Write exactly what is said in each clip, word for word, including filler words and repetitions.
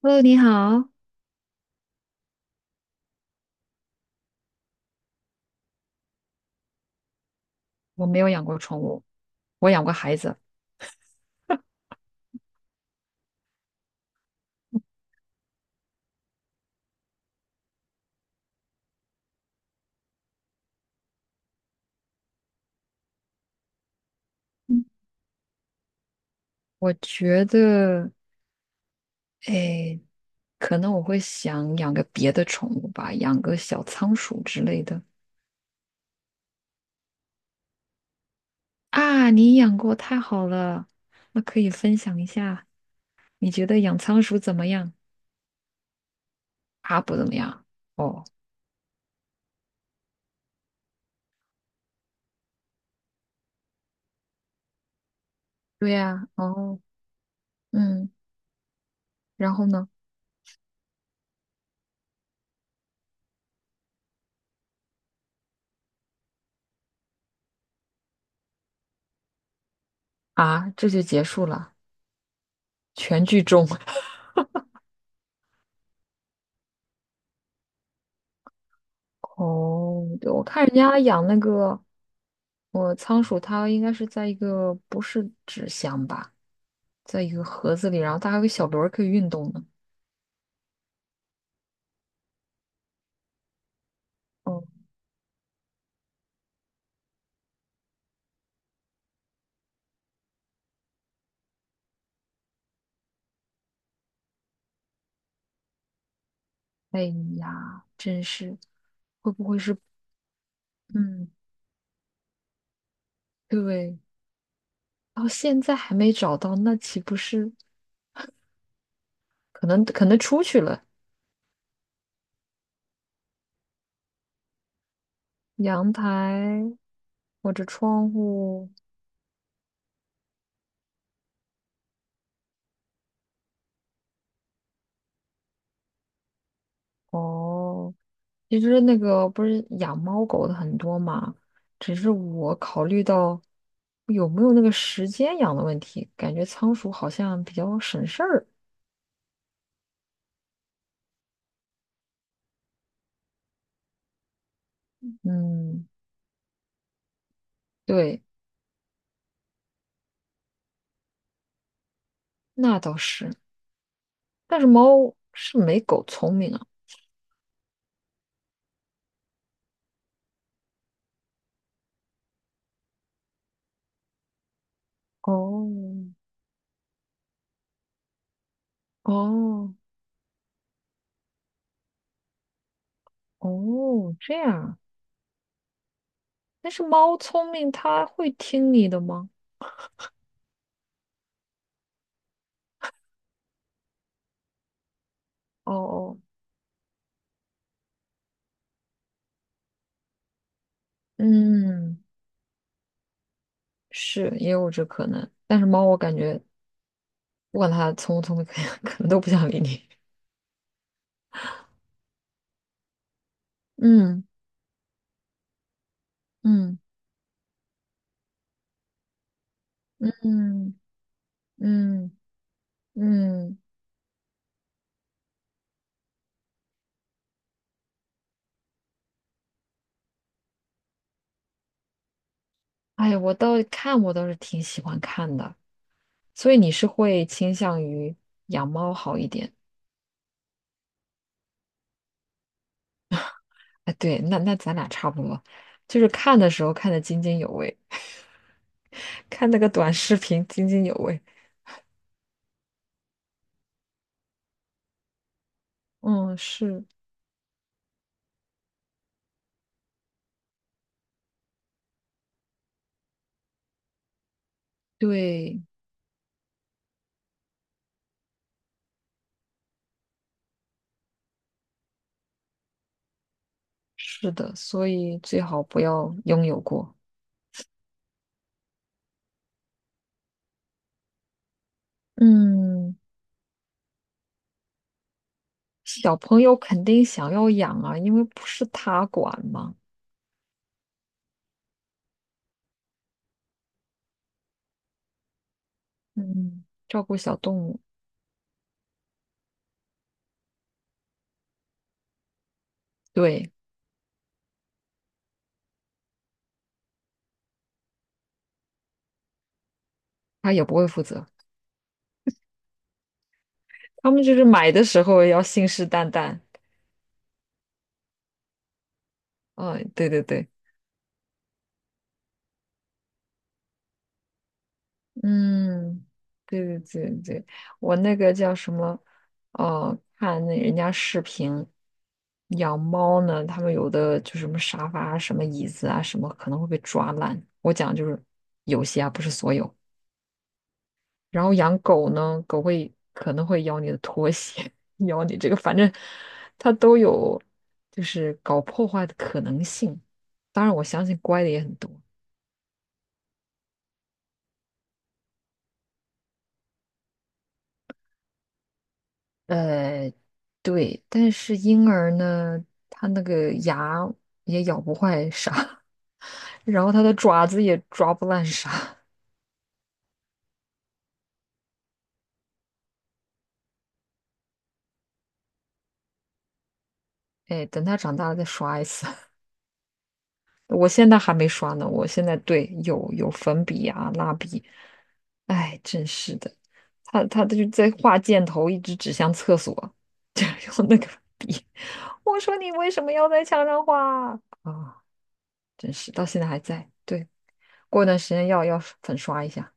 Hello，你好，我没有养过宠物，我养过孩子。嗯我觉得，哎，可能我会想养个别的宠物吧，养个小仓鼠之类的。啊，你养过，太好了，那可以分享一下，你觉得养仓鼠怎么样？啊，不怎么样。哦，对呀，哦，嗯，然后呢？啊，这就结束了，全剧终。哦，对，我看人家养那个，我仓鼠，它应该是在一个不是纸箱吧，在一个盒子里，然后它还有个小轮儿可以运动呢。哦，哎呀，真是，会不会是？嗯，对，到现在还没找到，那岂不是可能可能出去了？阳台或者窗户？哦，其实那个不是养猫狗的很多嘛，只是我考虑到有没有那个时间养的问题，感觉仓鼠好像比较省事儿。嗯，对，那倒是。但是猫是没狗聪明啊。哦哦哦，这样啊。但是猫聪明，它会听你的吗？哦哦，嗯，是也有这可能。但是猫，我感觉不管它聪不聪明，可能可能都不想理你。嗯。嗯嗯嗯嗯，哎呀，我倒看我倒是挺喜欢看的，所以你是会倾向于养猫好一点？哎，对，那那咱俩差不多，就是看的时候看得津津有味，看那个短视频津津有味。嗯，是，对，是的，所以最好不要拥有过。嗯，小朋友肯定想要养啊，因为不是他管嘛。嗯，照顾小动物，对，他也不会负责。他们就是买的时候要信誓旦旦。嗯，对对对，嗯，对对对对，我那个叫什么？哦、看那人家视频养猫呢，他们有的就什么沙发啊、什么椅子啊、什么可能会被抓烂。我讲就是有些啊，不是所有。然后养狗呢，狗会可能会咬你的拖鞋，咬你这个，反正它都有就是搞破坏的可能性。当然，我相信乖的也很多。呃，对，但是婴儿呢，他那个牙也咬不坏啥，然后他的爪子也抓不烂啥。哎，等他长大了再刷一次。我现在还没刷呢，我现在对有有粉笔呀、蜡笔，哎，真是的，他他就在画箭头，一直指向厕所，就用那个笔。我说你为什么要在墙上画啊？啊真是到现在还在。对，过段时间要要粉刷一下。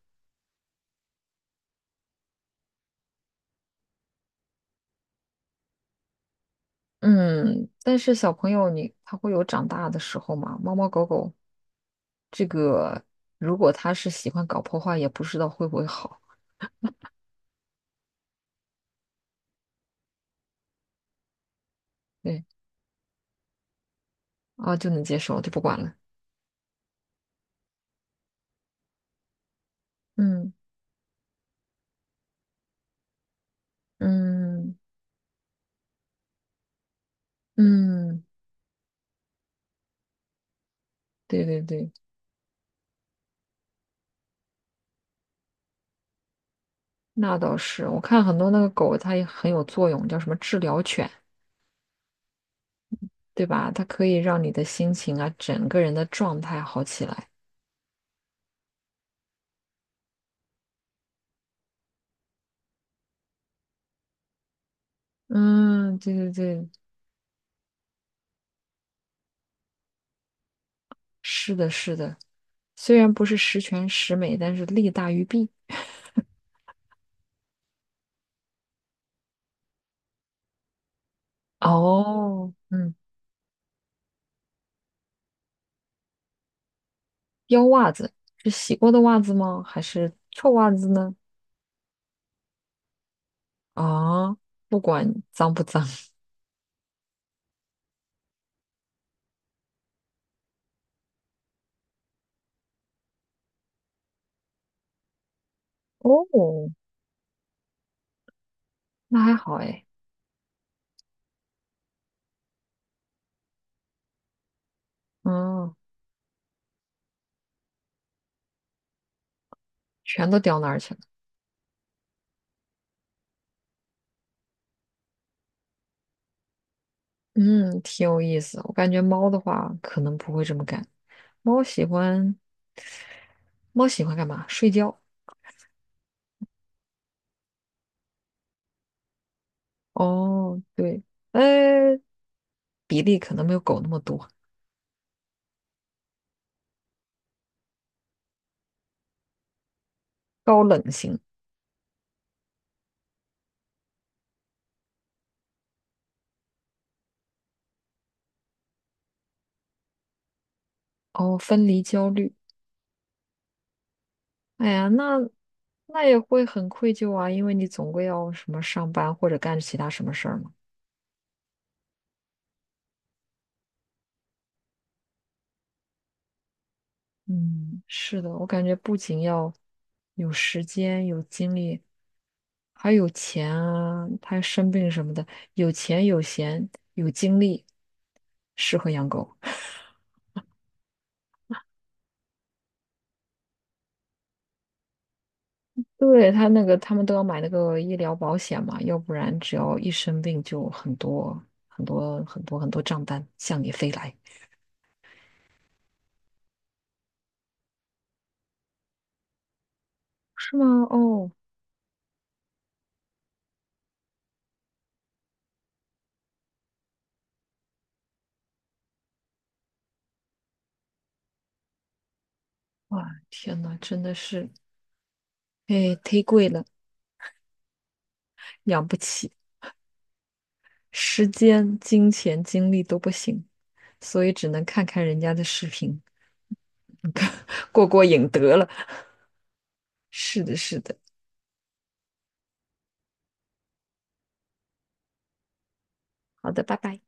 嗯，但是小朋友你他会有长大的时候嘛？猫猫狗狗这个，如果他是喜欢搞破坏，也不知道会不会好。对啊，就能接受，就不管了。嗯嗯嗯，对对对，那倒是。我看很多那个狗，它也很有作用，叫什么治疗犬，对吧？它可以让你的心情啊，整个人的状态好起来。嗯，对对对，是的，是的。虽然不是十全十美，但是利大于弊。哦，嗯，丢袜子是洗过的袜子吗？还是臭袜子呢？啊，不管脏不脏。哦，那还好哎。嗯，全都掉那儿去了。嗯，挺有意思。我感觉猫的话可能不会这么干。猫喜欢猫喜欢干嘛？睡觉。哦，对，呃，比例可能没有狗那么多，高冷型。哦，分离焦虑。哎呀，那那也会很愧疚啊，因为你总归要什么上班或者干其他什么事儿嘛。嗯，是的，我感觉不仅要有时间、有精力，还有钱啊，他生病什么的，有钱、有闲、有精力，适合养狗。对，他那个，他们都要买那个医疗保险嘛，要不然只要一生病就很多很多很多很多账单向你飞来，是吗？哦，哇，天呐，真的是。哎，忒贵了，养不起，时间、金钱、精力都不行，所以只能看看人家的视频，过过瘾得了。是的，是的，好的，拜拜。